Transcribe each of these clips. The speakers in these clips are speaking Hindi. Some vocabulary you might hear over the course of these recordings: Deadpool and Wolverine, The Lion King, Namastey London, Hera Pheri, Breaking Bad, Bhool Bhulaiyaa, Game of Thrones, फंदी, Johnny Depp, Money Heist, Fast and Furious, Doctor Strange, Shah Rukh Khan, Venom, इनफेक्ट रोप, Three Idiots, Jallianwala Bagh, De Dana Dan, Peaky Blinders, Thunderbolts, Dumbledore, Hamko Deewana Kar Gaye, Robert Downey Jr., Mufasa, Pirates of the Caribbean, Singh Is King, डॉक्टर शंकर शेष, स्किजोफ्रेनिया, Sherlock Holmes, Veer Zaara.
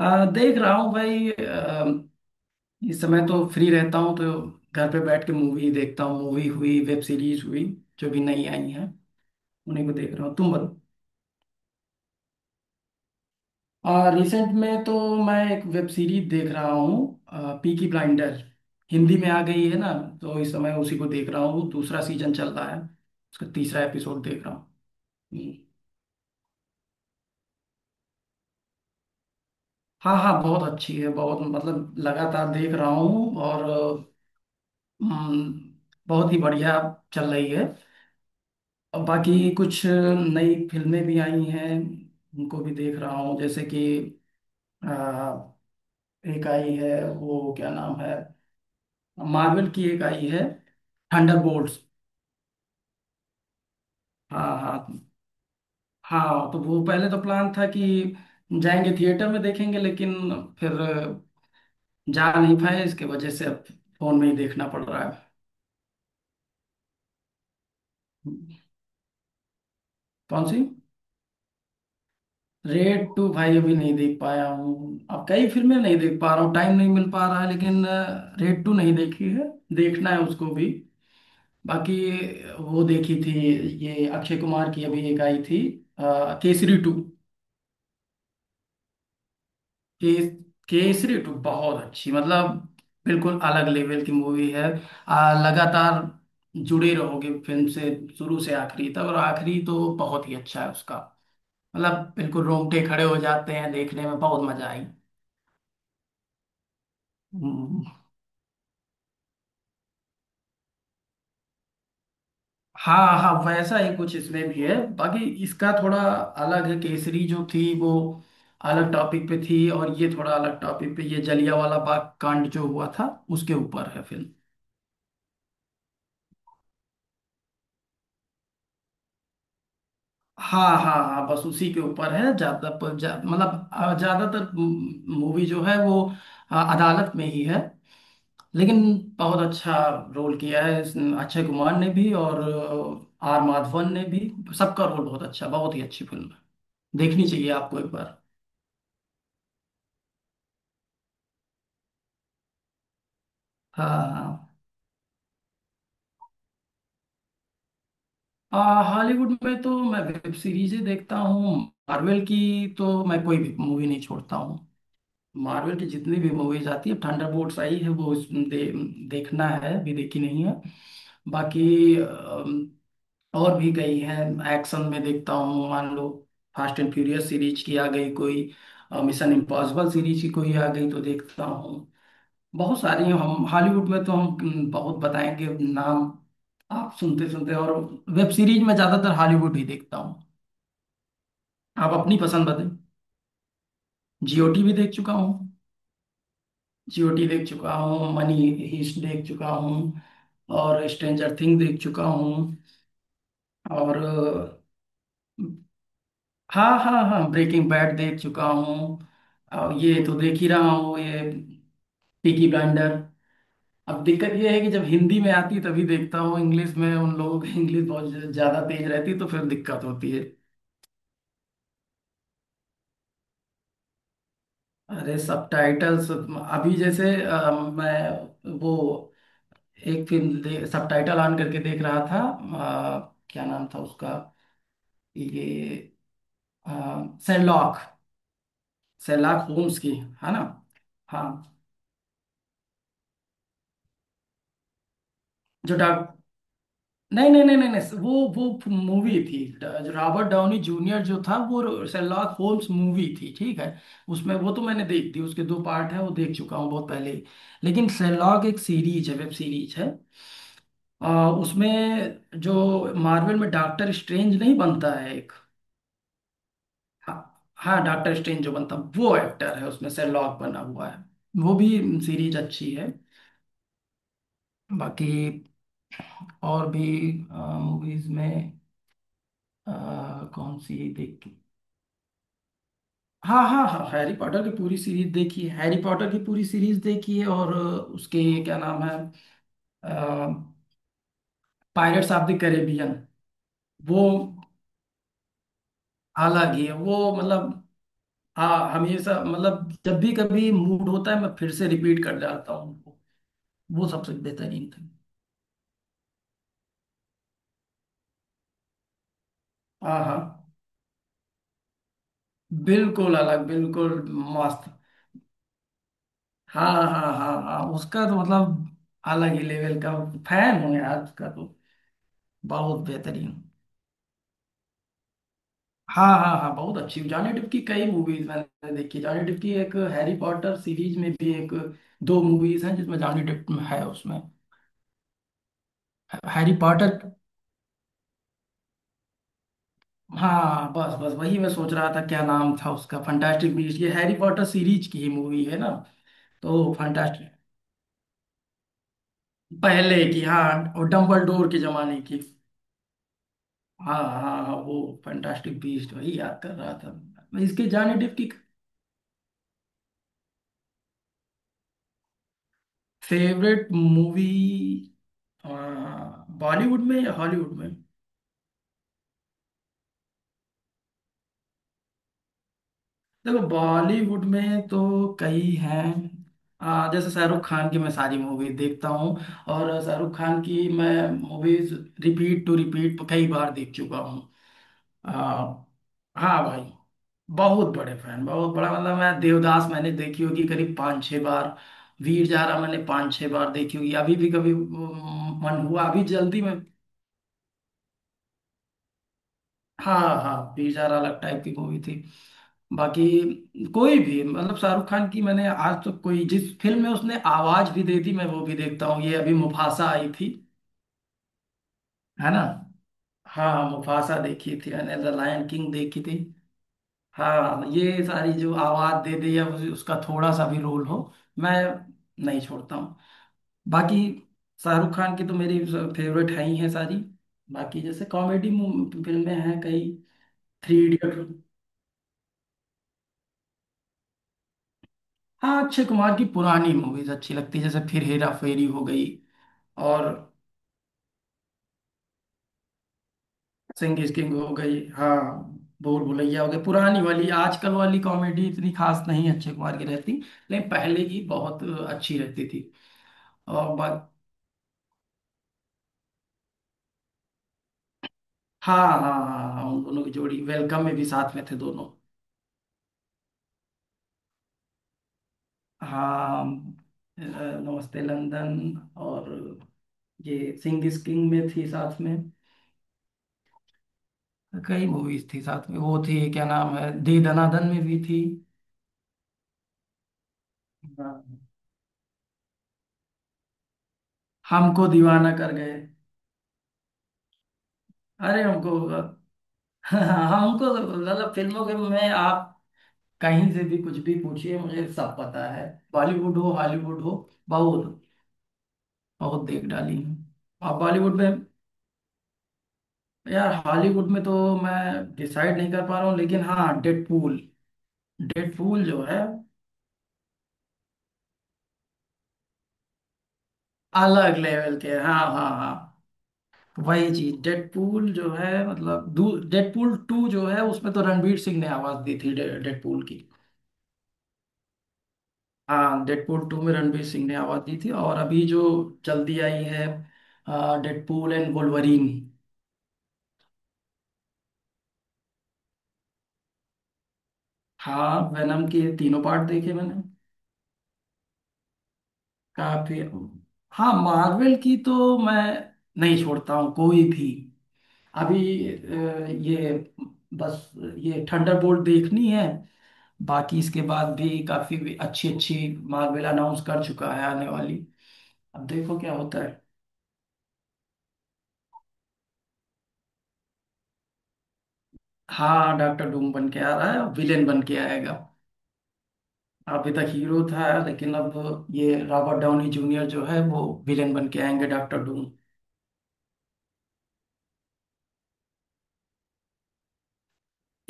देख रहा हूँ भाई, इस समय तो फ्री रहता हूँ तो घर पे बैठ के मूवी देखता हूँ। मूवी हुई वेब सीरीज हुई जो भी नई आई हैं उन्हीं को देख रहा हूँ। तुम बताओ। रिसेंट में तो मैं एक वेब सीरीज देख रहा हूँ, पीकी ब्लाइंडर हिंदी में आ गई है ना, तो इस समय उसी को देख रहा हूँ। दूसरा सीजन चल रहा है, उसका तीसरा एपिसोड देख रहा हूँ। हम्म। हाँ हाँ, बहुत अच्छी है, बहुत मतलब लगातार देख रहा हूँ और हम्म, बहुत ही बढ़िया चल रही है। और बाकी कुछ नई फिल्में भी आई हैं, उनको भी देख रहा हूँ। जैसे कि अ, एक आई है, वो क्या नाम है, मार्वल की एक आई है, थंडरबोल्ट्स। हाँ हाँ हाँ, तो वो पहले तो प्लान था कि जाएंगे थिएटर में देखेंगे, लेकिन फिर जा नहीं पाए इसके वजह से, अब फोन में ही देखना पड़ रहा है। कौन सी? रेड टू भाई अभी नहीं देख पाया हूँ, अब कई फिल्में नहीं देख पा रहा हूँ, टाइम नहीं मिल पा रहा है। लेकिन रेड टू नहीं देखी है, देखना है उसको भी। बाकी वो देखी थी, ये अक्षय कुमार की अभी एक आई थी, केसरी टू। के, केसरी टू बहुत अच्छी, मतलब बिल्कुल अलग लेवल की मूवी है। लगातार जुड़े रहोगे फिल्म से, शुरू से आखिरी तक, और आखिरी तो बहुत ही अच्छा है उसका, मतलब बिल्कुल रोंगटे खड़े हो जाते हैं, देखने में बहुत मजा आई। हाँ हाँ, वैसा ही कुछ इसमें भी है। बाकी इसका थोड़ा अलग है, केसरी जो थी वो अलग टॉपिक पे थी और ये थोड़ा अलग टॉपिक पे, ये जलियांवाला बाग कांड जो हुआ था, उसके ऊपर है फिल्म। हाँ हाँ हाँ, बस उसी के ऊपर है ज्यादा, पर मतलब ज्यादातर मूवी जो है वो अदालत में ही है, लेकिन बहुत अच्छा रोल किया है अक्षय कुमार ने भी और आर माधवन ने भी। सबका रोल बहुत अच्छा, बहुत ही अच्छी फिल्म है, देखनी चाहिए आपको एक बार। हाँ हाँ। हॉलीवुड में तो मैं वेब सीरीजें देखता हूँ। मार्वल की तो मैं कोई भी मूवी नहीं छोड़ता हूँ। मार्वल की जितनी भी मूवीज आती है, थंडरबोल्ट्स आई है वो, देखना है, अभी देखी नहीं है। बाकी और भी गई है। एक्शन में देखता हूँ, मान लो फास्ट एंड फ्यूरियस सीरीज की आ गई कोई, मिशन इम्पॉसिबल सीरीज की कोई आ गई, तो देखता हूँ। बहुत सारी हैं, हम हॉलीवुड में तो, हम बहुत बताएंगे नाम, आप सुनते सुनते। और वेब सीरीज में ज्यादातर हॉलीवुड ही देखता हूँ। आप अपनी पसंद बताएं। जीओटी भी देख चुका हूँ, जीओटी देख चुका हूँ, मनी हीस्ट देख चुका हूँ और स्ट्रेंजर थिंग देख चुका हूँ। और हाँ हाँ हाँ, ब्रेकिंग बैड देख चुका हूँ। और ये तो देख ही रहा हूँ, ये पीकी ब्लाइंडर। अब दिक्कत ये है कि जब हिंदी में आती तभी देखता हूँ, इंग्लिश में उन लोगों की इंग्लिश बहुत ज्यादा तेज रहती, तो फिर दिक्कत होती है। अरे सबटाइटल्स अभी जैसे मैं वो एक फिल्म सबटाइटल ऑन करके देख रहा था, क्या नाम था उसका, ये शेरलॉक, शेरलॉक होम्स की, है ना। हाँ, जो डॉक, नहीं नहीं नहीं नहीं नहीं, वो मूवी थी, जो रॉबर्ट डाउनी जूनियर जो था वो, शेरलॉक होम्स मूवी थी, ठीक है। उसमें वो तो मैंने देख दी, उसके दो पार्ट है, वो देख चुका हूँ बहुत पहले ही। लेकिन शेरलॉक एक सीरीज है, वेब सीरीज है। उसमें जो मार्वल में डॉक्टर स्ट्रेंज नहीं बनता है एक, हाँ हाँ, डॉक्टर स्ट्रेंज जो बनता वो एक्टर है, उसमें शेरलॉक बना हुआ है वो भी, सीरीज अच्छी है। बाकी और भी मूवीज में अ, कौन सी देख, हाँ हाँ हाँ, हैरी पॉटर की पूरी सीरीज देखी है, हैरी पॉटर की पूरी सीरीज देखी है और उसके क्या नाम है, पायरेट्स ऑफ द कैरेबियन। वो अलग ही है, वो मतलब, हाँ, हमेशा, मतलब जब भी कभी मूड होता है मैं फिर से रिपीट कर जाता हूँ उनको, वो सबसे बेहतरीन थी। हाँ हाँ बिल्कुल अलग, बिल्कुल मस्त। हाँ हाँ हाँ हाँ उसका तो मतलब अलग ही लेवल का फैन हूँ यार उसका तो, बहुत बेहतरीन। हाँ हाँ हाँ बहुत अच्छी। जॉनी डिप की कई मूवीज मैंने देखी, जॉनी डिप की एक, हैरी पॉटर सीरीज में भी एक दो मूवीज हैं जिसमें जॉनी डिप है उसमें। हैरी पॉटर, हाँ बस बस, वही मैं सोच रहा था, क्या नाम था उसका, फंटास्टिक बीस्ट, ये हैरी पॉटर सीरीज की ही मूवी है ना, तो फंटास्टिक, पहले की, हाँ, और डम्बल डोर के जमाने की, हाँ हाँ हाँ वो फंटास्टिक बीस्ट वही याद कर रहा था मैं। इसके जॉनी डिप की। फेवरेट मूवी बॉलीवुड में या हॉलीवुड में? देखो बॉलीवुड में तो कई हैं। जैसे शाहरुख खान की मैं सारी मूवी देखता हूँ, और शाहरुख खान की मैं मूवीज रिपीट टू रिपीट कई बार देख चुका हूँ। आ, हाँ भाई, बहुत बड़े फैन, बहुत बड़ा, मतलब मैं देवदास मैंने देखी होगी करीब पाँच छः बार, वीर जारा मैंने पाँच छः बार देखी होगी। अभी भी कभी मन हुआ अभी जल्दी में, हाँ हाँ, बेजार अलग टाइप की मूवी थी। बाकी कोई भी, मतलब शाहरुख खान की, मैंने आज तक कोई, जिस फिल्म में उसने आवाज भी दे दी, मैं वो भी देखता हूँ। ये अभी मुफासा आई थी, है ना। हाँ मुफासा देखी थी मैंने, द लायन किंग देखी थी। हाँ ये सारी जो आवाज दे दे या उसका थोड़ा सा भी रोल हो, मैं नहीं छोड़ता हूँ। बाकी शाहरुख खान की तो मेरी फेवरेट है ही है सारी। बाकी जैसे कॉमेडी फिल्में हैं कई, थ्री इडियट। हाँ, अक्षय कुमार की पुरानी मूवीज अच्छी लगती है, जैसे फिर हेरा फेरी हो गई और सिंह इज किंग हो गई, हाँ, भूल भुलैया हो गई। पुरानी वाली, आजकल वाली कॉमेडी इतनी खास नहीं अक्षय कुमार की रहती, लेकिन पहले की बहुत अच्छी रहती थी। और बात, हाँ हाँ हाँ हाँ, उन दोनों की जोड़ी वेलकम में भी साथ में थे दोनों। हाँ, नमस्ते लंदन और ये सिंह इज किंग में थी साथ में, कई मूवीज थी साथ में, वो थी क्या नाम है, दे दनादन में भी थी। हाँ, हमको दीवाना कर गए। अरे, हमको हमको तो, मतलब फिल्मों के में आप कहीं से भी कुछ भी पूछिए मुझे सब पता है, बॉलीवुड हो हॉलीवुड हो, बहुत बहुत देख डाली हूँ। अब बॉलीवुड में, यार हॉलीवुड में तो मैं डिसाइड नहीं कर पा रहा हूँ, लेकिन हाँ, डेडपूल, डेडपूल जो है, अलग लेवल के, हाँ हाँ हाँ, वही चीज। डेडपूल जो है, मतलब डेडपूल टू जो है उसमें तो रणवीर सिंह ने आवाज दी थी डेडपूल की। हाँ डेडपूल टू में रणवीर सिंह ने आवाज दी थी, और अभी जो जल्दी आई है, डेडपूल एंड वुल्वरीन। हाँ, वेनम के तीनों पार्ट देखे मैंने, काफी। हाँ मार्वल की तो मैं नहीं छोड़ता हूँ कोई भी। अभी ये बस, ये थंडरबोल्ट देखनी है। बाकी इसके बाद भी काफी अच्छी अच्छी मार्वल अनाउंस कर चुका है आने वाली, अब देखो क्या होता है। हाँ डॉक्टर डूम बन के आ रहा है, विलेन बन के आएगा। अभी तक हीरो था, लेकिन अब ये रॉबर्ट डाउनी जूनियर जो है वो विलेन बन के आएंगे, डॉक्टर डूम।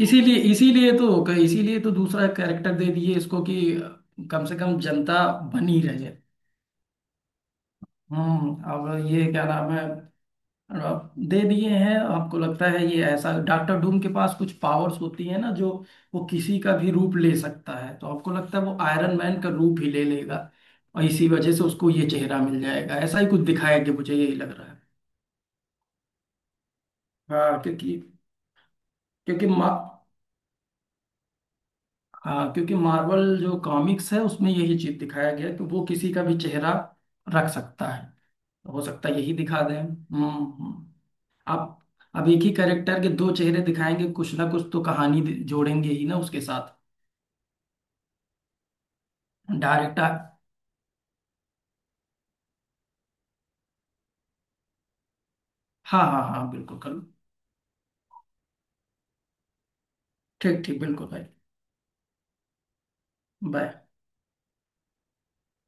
इसीलिए, इसीलिए तो इसीलिए तो दूसरा कैरेक्टर दे दिए इसको, कि कम से कम जनता बनी रहे। अब ये क्या नाम है, अब दे दिए हैं। आपको लगता है ये, ऐसा डॉक्टर डूम के पास कुछ पावर्स होती है ना जो, वो किसी का भी रूप ले सकता है, तो आपको लगता है वो आयरन मैन का रूप ही ले लेगा और इसी वजह से उसको ये चेहरा मिल जाएगा, ऐसा ही कुछ दिखाया, कि मुझे यही लग रहा है। हाँ क्योंकि क्योंकि मा हाँ क्योंकि मार्वल जो कॉमिक्स है उसमें यही चीज दिखाया गया है, कि वो किसी का भी चेहरा रख सकता है। हो सकता है यही दिखा दें। हम्म, आप, अब एक ही कैरेक्टर के दो चेहरे दिखाएंगे, कुछ ना कुछ तो कहानी जोड़ेंगे ही ना उसके साथ। डायरेक्टर, हाँ हाँ हाँ बिल्कुल करो। ठीक ठीक, बिल्कुल भाई। बाय।